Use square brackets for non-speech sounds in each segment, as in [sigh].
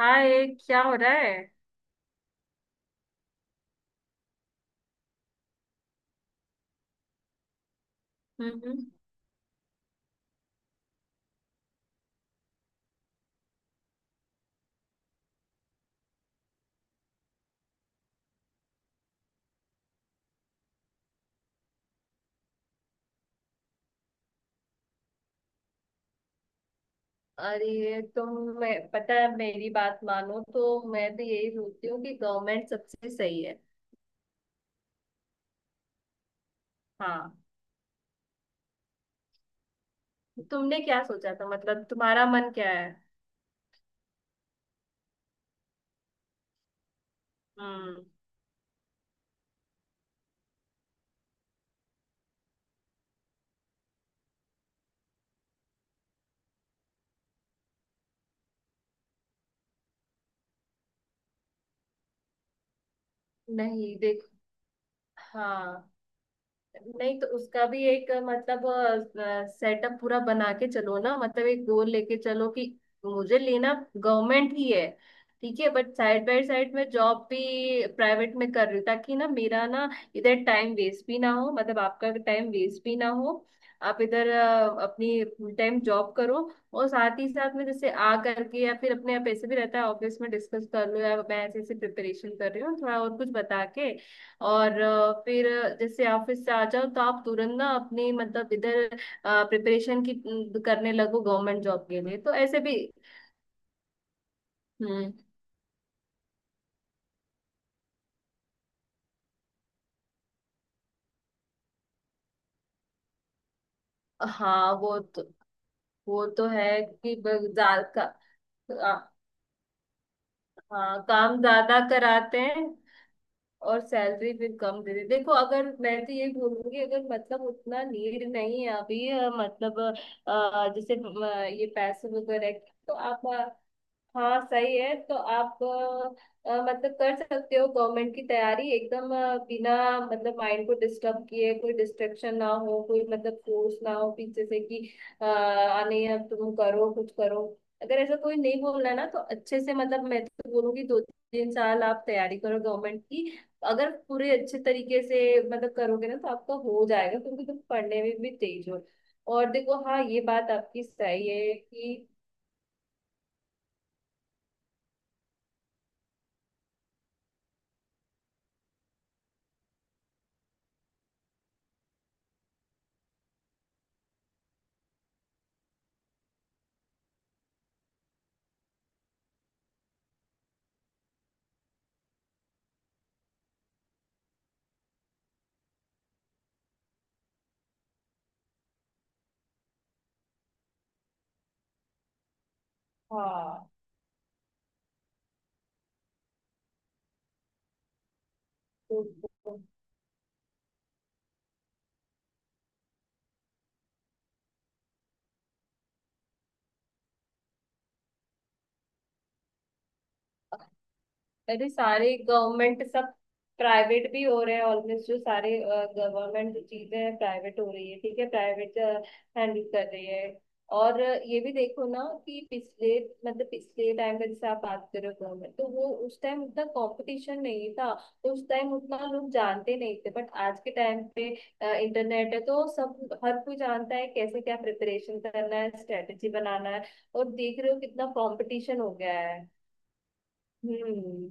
हाय। क्या हो रहा है। हम्म। अरे तुम। मैं पता है मेरी बात मानो तो मैं तो यही सोचती हूँ कि गवर्नमेंट सबसे सही है। हाँ। तुमने क्या सोचा था मतलब तुम्हारा मन क्या है। हम्म। नहीं, देख। हाँ। नहीं तो उसका भी एक मतलब, सेटअप पूरा बना के चलो ना मतलब एक गोल लेके चलो कि मुझे लेना गवर्नमेंट ही है। ठीक है बट साइड बाय साइड मैं जॉब भी प्राइवेट में कर रही हूँ ताकि ना मेरा ना इधर टाइम वेस्ट भी ना हो मतलब आपका टाइम वेस्ट भी ना हो। आप इधर अपनी फुल टाइम जॉब करो और साथ ही साथ में जैसे आ करके या फिर अपने आप ऐसे भी रहता है ऑफिस में डिस्कस कर लो या मैं ऐसे ऐसे प्रिपरेशन कर रही हूँ थोड़ा और कुछ बता के। और फिर जैसे ऑफिस से आ जाओ तो आप तुरंत ना अपनी मतलब इधर प्रिपरेशन की करने लगो गवर्नमेंट जॉब के लिए तो ऐसे भी। हम्म। हाँ वो तो है कि आ, हाँ काम ज्यादा कराते हैं और सैलरी फिर कम दे देते हैं। देखो अगर मैं तो ये बोलूंगी अगर मतलब उतना नीड नहीं है अभी मतलब जैसे ये पैसे वगैरह की, तो आप हाँ सही है तो आप मतलब कर सकते हो गवर्नमेंट की तैयारी एकदम बिना मतलब माइंड को डिस्टर्ब किए कोई डिस्ट्रेक्शन ना हो कोई मतलब फोर्स ना हो पीछे से कि अ, आ नहीं अब तुम करो कुछ करो। अगर ऐसा कोई नहीं बोल रहा ना तो अच्छे से मतलब मैं तो बोलूंगी दो तीन साल आप तैयारी करो गवर्नमेंट की। अगर पूरे अच्छे तरीके से मतलब करोगे ना तो आपका हो जाएगा क्योंकि तुम पढ़ने में भी तेज हो। और देखो हाँ ये बात आपकी सही है कि हाँ तो अरे सारे गवर्नमेंट सब प्राइवेट भी हो रहे हैं ऑलमोस्ट जो सारे गवर्नमेंट चीजें हैं प्राइवेट हो रही है ठीक है प्राइवेट हैंडल कर रही है। और ये भी देखो ना कि पिछले मतलब पिछले टाइम का जैसे आप बात कर रहे हो गवर्नमेंट तो वो उस टाइम उतना कंपटीशन नहीं था। तो उस टाइम उतना लोग जानते नहीं थे बट आज के टाइम पे इंटरनेट है तो सब हर कोई जानता है कैसे क्या प्रिपरेशन करना है स्ट्रेटेजी बनाना है। और देख रहे हो कितना कंपटीशन हो गया है। हम्म।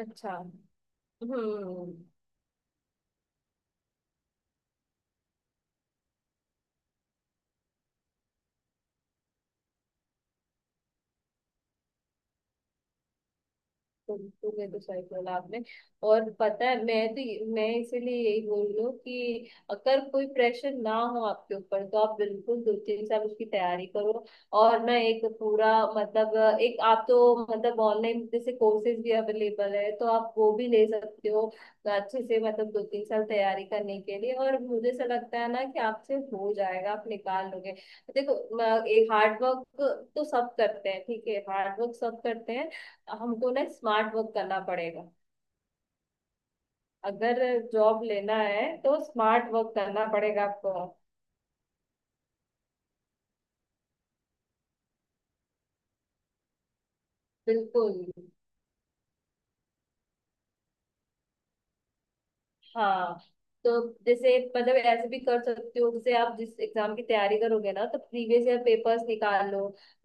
अच्छा। हम्म। तो ये तो सही बोला आपने। और पता है मैं तो मैं इसीलिए यही बोल रही हूँ कि अगर कोई प्रेशर ना हो आपके ऊपर तो आप बिल्कुल दो तीन साल उसकी तैयारी करो। और ना एक पूरा मतलब एक आप तो मतलब ऑनलाइन जैसे कोर्सेज भी अवेलेबल है तो आप वो भी ले सकते हो। अच्छे से मतलब दो तीन साल तैयारी करने के लिए और मुझे ऐसा लगता है ना कि आपसे हो जाएगा आप निकाल लोगे। देखो एक हार्ड वर्क तो सब करते हैं ठीक है हार्ड वर्क सब करते हैं। हमको ना स्मार्ट वर्क करना पड़ेगा। अगर जॉब लेना है तो स्मार्ट वर्क करना पड़ेगा आपको। बिल्कुल हाँ। तो जैसे मतलब ऐसे भी कर सकते हो जैसे आप जिस एग्जाम की तैयारी करोगे ना तो प्रीवियस ईयर पेपर्स निकाल लो।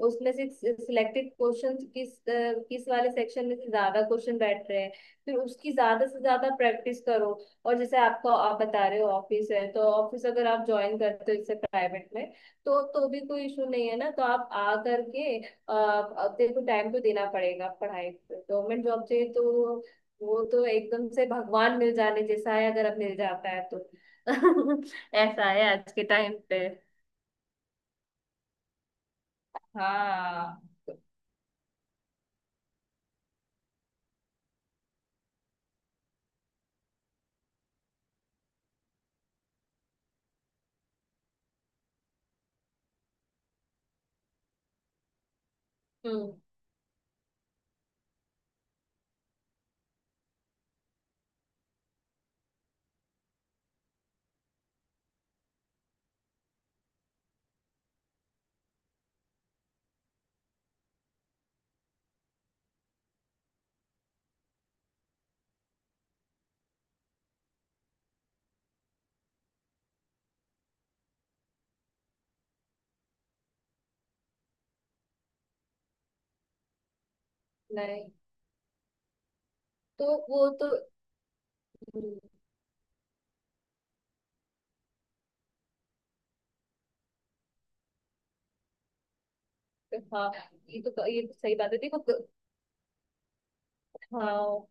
उसमें से सिलेक्टेड क्वेश्चंस किस वाले सेक्शन में से ज्यादा क्वेश्चन बैठ रहे हैं। फिर उसकी ज्यादा से ज्यादा प्रैक्टिस करो। और जैसे आपको आप बता रहे हो ऑफिस है तो ऑफिस अगर आप ज्वाइन करते हो जैसे प्राइवेट में तो भी कोई इशू नहीं है ना तो आप आ करके अब तेरे को टाइम तो देना पड़ेगा पढ़ाई पे गवर्नमेंट जॉब चाहिए तो वो तो एकदम से भगवान मिल जाने जैसा है अगर अब मिल जाता है तो। [laughs] ऐसा है आज के टाइम पे। हाँ। हम्म। नहीं तो वो तो। हम्म। हाँ ये तो सही बात है देखो। हाँ।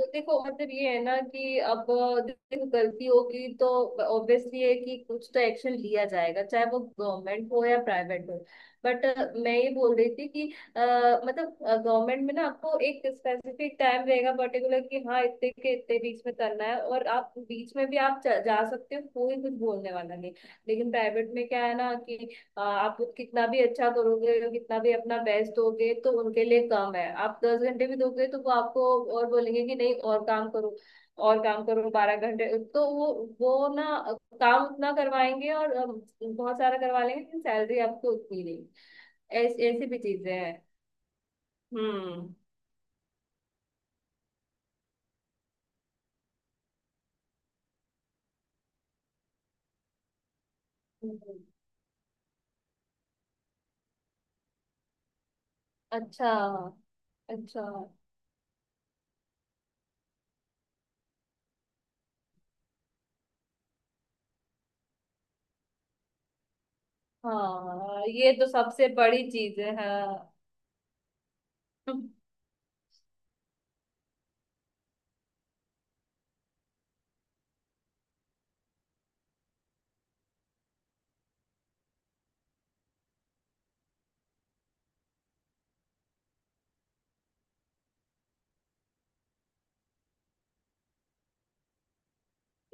तो देखो मतलब ये है ना कि अब देखो गलती होगी तो ऑब्वियसली है कि कुछ तो एक्शन लिया जाएगा चाहे वो गवर्नमेंट हो या प्राइवेट हो। बट मैं ये बोल रही थी कि मतलब गवर्नमेंट में ना आपको एक स्पेसिफिक टाइम रहेगा पर्टिकुलर कि हाँ इतने के इतने बीच में करना है और आप बीच में भी आप जा सकते हो कोई कुछ बोलने वाला नहीं। लेकिन प्राइवेट में क्या है ना कि हाँ, आप कितना भी अच्छा करोगे कितना भी अपना बेस्ट दोगे तो उनके लिए कम है आप दस घंटे भी दोगे तो वो आपको और बोलेंगे कि नहीं और काम करो और काम करो बारह घंटे। तो वो ना काम उतना करवाएंगे और बहुत सारा करवा लेंगे लेकिन सैलरी आपको उतनी नहीं ऐसी भी चीजें हैं। हम्म। हम्म, अच्छा। अच्छा। हाँ ये तो सबसे बड़ी चीज है हाँ। [laughs]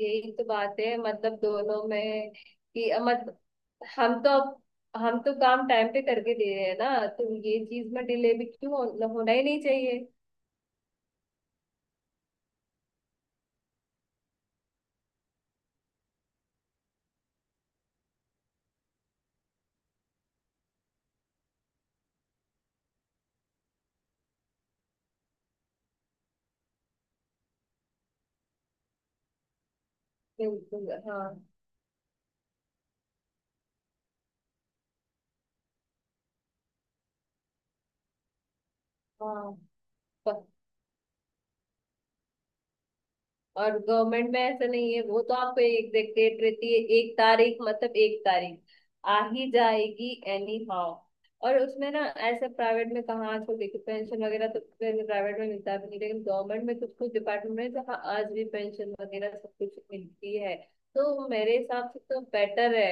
यही तो बात है मतलब दोनों में कि मत हम तो हम तो काम टाइम पे करके दे रहे हैं ना तो ये चीज में डिले भी क्यों होना ही नहीं चाहिए। बिल्कुल हाँ। हाँ। और गवर्नमेंट में ऐसा नहीं है वो तो आपको एक डेट रहती है एक तारीख मतलब एक तारीख आ ही जाएगी एनी हाउ। और उसमें ना ऐसे प्राइवेट में कहाँ आजकल देखो पेंशन वगैरह तो प्राइवेट में मिलता भी नहीं लेकिन गवर्नमेंट में कुछ कुछ डिपार्टमेंट में जहाँ आज भी पेंशन वगैरह सब कुछ मिलती है। तो मेरे हिसाब से तो बेटर है।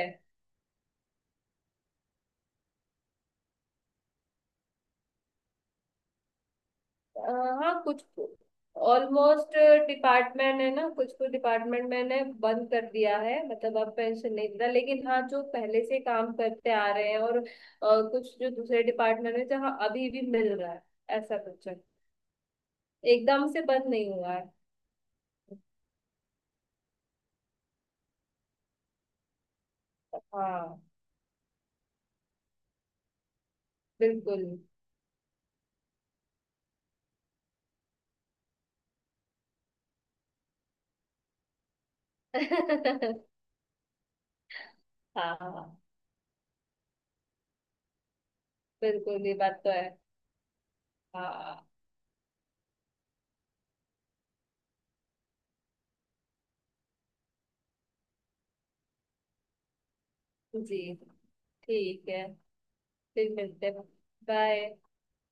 अ, हाँ कुछ ऑलमोस्ट डिपार्टमेंट है ना कुछ कुछ डिपार्टमेंट मैंने बंद कर दिया है मतलब अब पेंशन नहीं देता लेकिन हाँ जो पहले से काम करते आ रहे हैं और कुछ जो दूसरे डिपार्टमेंट है जहाँ अभी भी मिल रहा है। ऐसा कुछ है एकदम से बंद नहीं हुआ है। हाँ बिल्कुल। [laughs] हाँ बिल्कुल ये बात तो है। हाँ। जी। ठीक है फिर मिलते हैं। बाय।